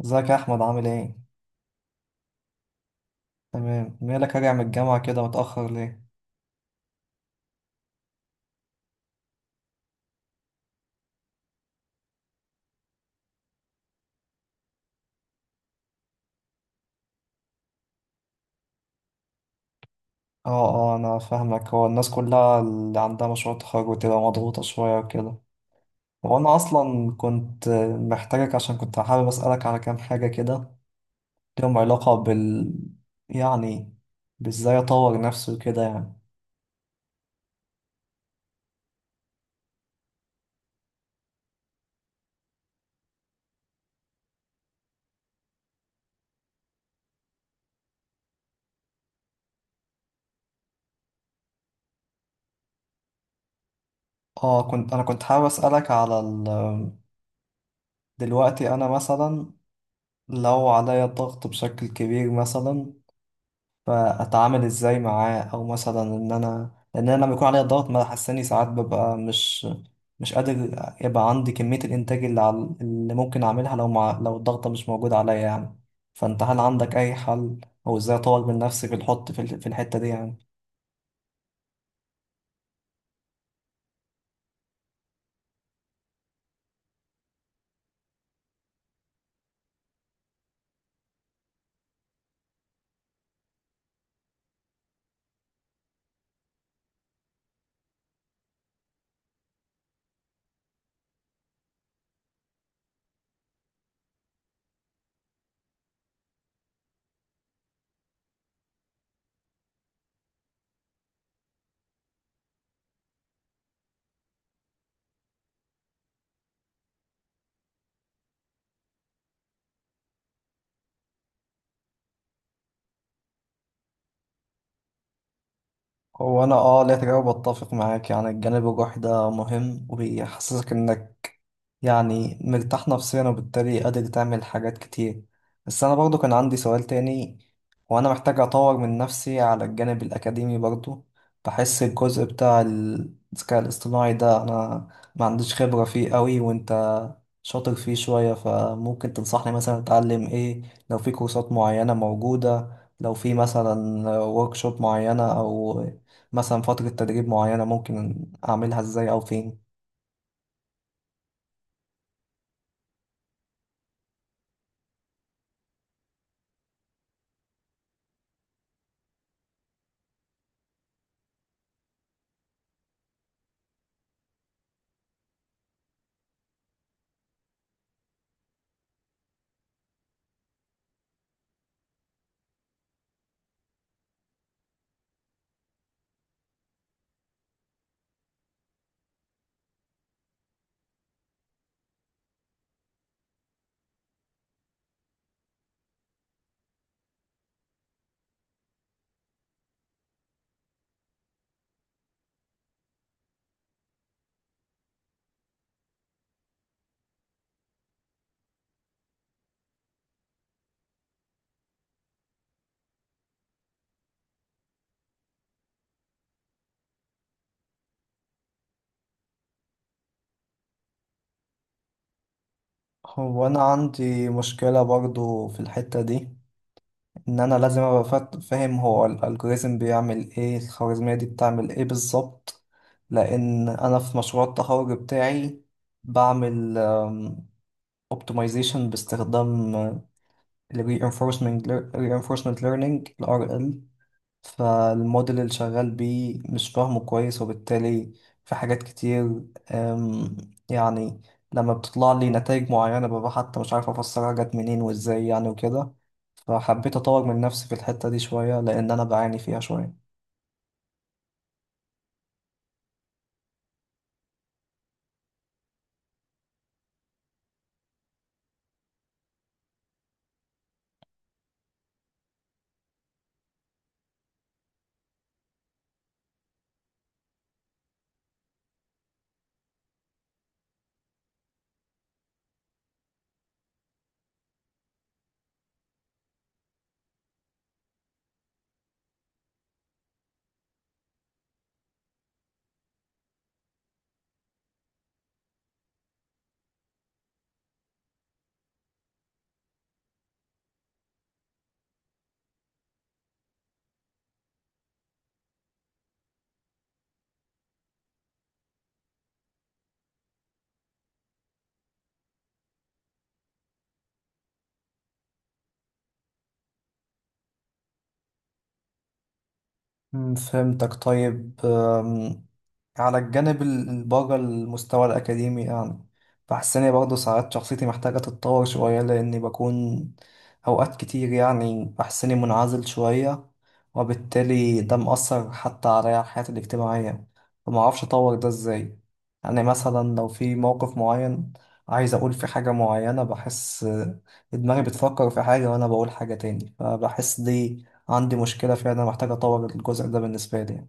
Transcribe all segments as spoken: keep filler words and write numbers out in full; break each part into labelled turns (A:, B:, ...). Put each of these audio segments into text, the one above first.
A: ازيك يا احمد؟ عامل ايه؟ تمام. مالك راجع من الجامعه كده متاخر ليه؟ اه، اه، انا فاهمك. هو الناس كلها اللي عندها مشروع تخرج بتبقى مضغوطه شويه وكده. وانا اصلا كنت محتاجك، عشان كنت حابب اسالك على كام حاجه كده لهم علاقه بال، يعني، بازاي اطور نفسي وكده يعني. اه كنت انا كنت حابب اسالك على ال... دلوقتي انا مثلا، لو عليا ضغط بشكل كبير مثلا، فاتعامل ازاي معاه؟ او مثلا، ان انا لان انا لما يكون عليا ضغط، ما حساني ساعات، ببقى مش مش قادر. يبقى عندي كمية الانتاج اللي, على... اللي ممكن اعملها لو مع... لو الضغطة مش موجودة عليا يعني. فانت هل عندك اي حل؟ او ازاي اطور من نفسي في الحط في, ال... في الحتة دي يعني؟ هو انا، اه لا، تجاوب، اتفق معاك. يعني الجانب الروحي ده مهم، وبيحسسك انك، يعني، مرتاح نفسيا، وبالتالي قادر تعمل حاجات كتير. بس انا برضو كان عندي سؤال تاني. وانا محتاج اطور من نفسي على الجانب الاكاديمي برضو. بحس الجزء بتاع الذكاء الاصطناعي ده، انا ما عنديش خبرة فيه قوي وانت شاطر فيه شوية. فممكن تنصحني مثلا اتعلم ايه؟ لو في كورسات معينة موجودة، لو في مثلا ورك شوب معينة، او مثلا فترة تدريب معينة، ممكن أعملها إزاي أو فين؟ هو أنا عندي مشكلة برضو في الحتة دي. إن أنا لازم أبقى فات- فاهم هو الألجوريزم بيعمل إيه، الخوارزمية دي بتعمل إيه بالظبط. لأن أنا في مشروع التخرج بتاعي بعمل اوبتمايزيشن باستخدام ال reinforcement lear- reinforcement learning ال آر إل. فالموديل اللي شغال بيه مش فاهمه كويس، وبالتالي في حاجات كتير. أم، يعني لما بتطلع لي نتائج معينة، ببقى حتى مش عارف أفسرها جت منين وإزاي يعني وكده. فحبيت أطور من نفسي في الحتة دي شوية، لأن أنا بعاني فيها شوية. أم، فهمتك. طيب، على الجانب ال- الباقي، المستوى الأكاديمي يعني، بحس إني برضه ساعات شخصيتي محتاجة تتطور شوية، لأني بكون أوقات كتير، يعني، بحس إني منعزل شوية، وبالتالي ده مأثر حتى على حياتي الاجتماعية. فمعرفش أطور ده إزاي. يعني مثلا لو في موقف معين، عايز أقول في حاجة معينة، بحس دماغي بتفكر في حاجة وأنا بقول حاجة تاني. فبحس دي عندي مشكلة فيها، أنا محتاج أطور الجزء ده بالنسبة لي.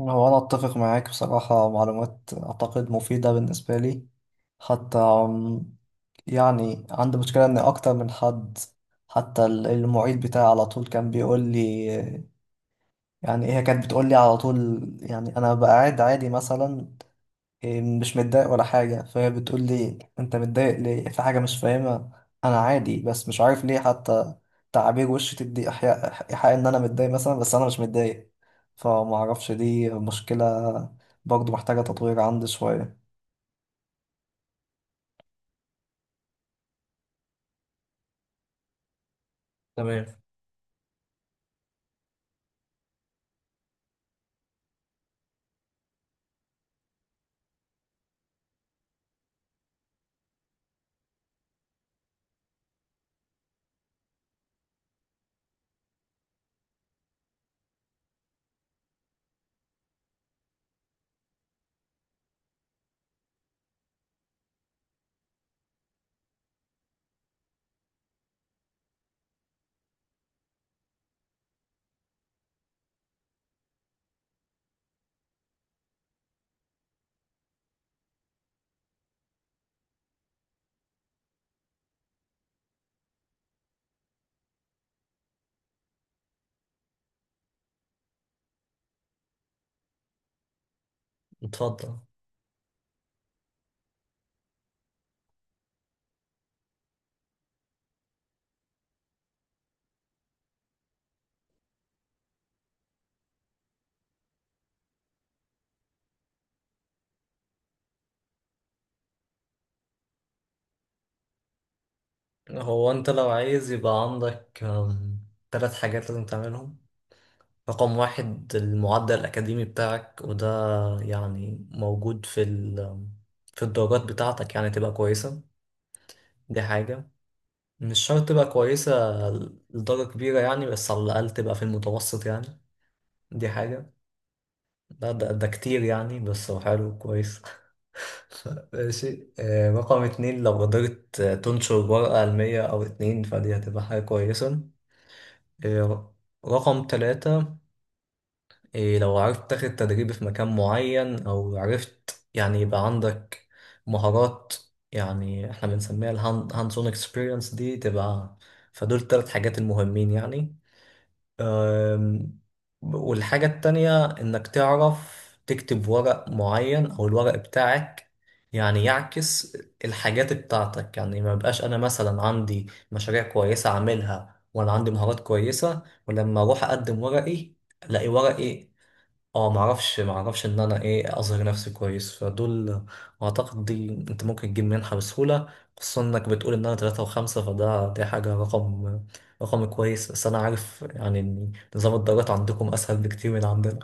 A: هو أنا أتفق معاك بصراحة، معلومات أعتقد مفيدة بالنسبة لي. حتى أم، يعني عندي مشكلة إن أكتر من حد، حتى ال- المعيد بتاعي على طول كان بيقول لي، يعني، هي كانت بتقول لي على طول، يعني، أنا بقى قاعد عادي مثلا، إيه، مش متضايق ولا حاجة، فهي بتقول لي انت متضايق ليه؟ في حاجة مش فاهمها، انا عادي، بس مش عارف ليه حتى تعابير وشي تدي ايحاء إيحاء ان انا متضايق مثلا، بس انا مش متضايق. فما اعرفش، دي مشكلة برضو محتاجة تطوير عندي شوية. تمام. اتفضل. هو انت لو عايز يبقى عندك أم، تلات حاجات لازم تعملهم. رقم واحد، المعدل الأكاديمي بتاعك، وده يعني موجود في ال في الدرجات بتاعتك، يعني تبقى كويسة. دي حاجة. مش شرط تبقى كويسة لدرجة كبيرة يعني، بس على الأقل تبقى في المتوسط يعني. دي حاجة. ده ده, ده كتير يعني، بس هو حلو، كويس. ماشي. آه، رقم اتنين، لو قدرت آه، تنشر ورقة علمية أو اتنين، فدي هتبقى حاجة كويسة. آه، رقم تلاتة، إيه، لو عرفت تاخد تدريب في مكان معين، أو عرفت يعني يبقى عندك مهارات، يعني احنا بنسميها الهاندز اون اكسبيرينس، دي تبقى. فدول التلات حاجات المهمين يعني. أم، والحاجة التانية إنك تعرف تكتب ورق معين، أو الورق بتاعك يعني يعكس الحاجات بتاعتك. يعني ما يبقاش أنا مثلا عندي مشاريع كويسة عاملها وأنا عندي مهارات كويسة، ولما أروح أقدم ورقي ألاقي ورقي اه معرفش معرفش ان انا ايه اظهر نفسي كويس. فدول اعتقد دي انت ممكن تجيب منحة بسهولة، خصوصا انك بتقول ان انا تلاتة وخمسة، فده دي حاجة رقم رقم كويس. بس انا عارف يعني ان نظام الدرجات عندكم اسهل بكتير من عندنا.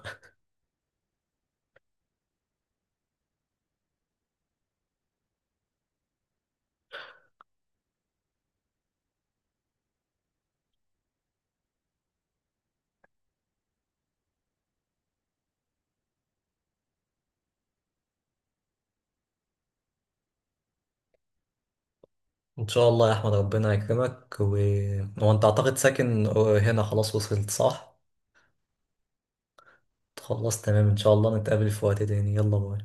A: ان شاء الله يا احمد، ربنا يكرمك و... وانت اعتقد ساكن آه، هنا. خلاص، وصلت صح؟ خلاص تمام. ان شاء الله نتقابل في وقت تاني. يلا، باي.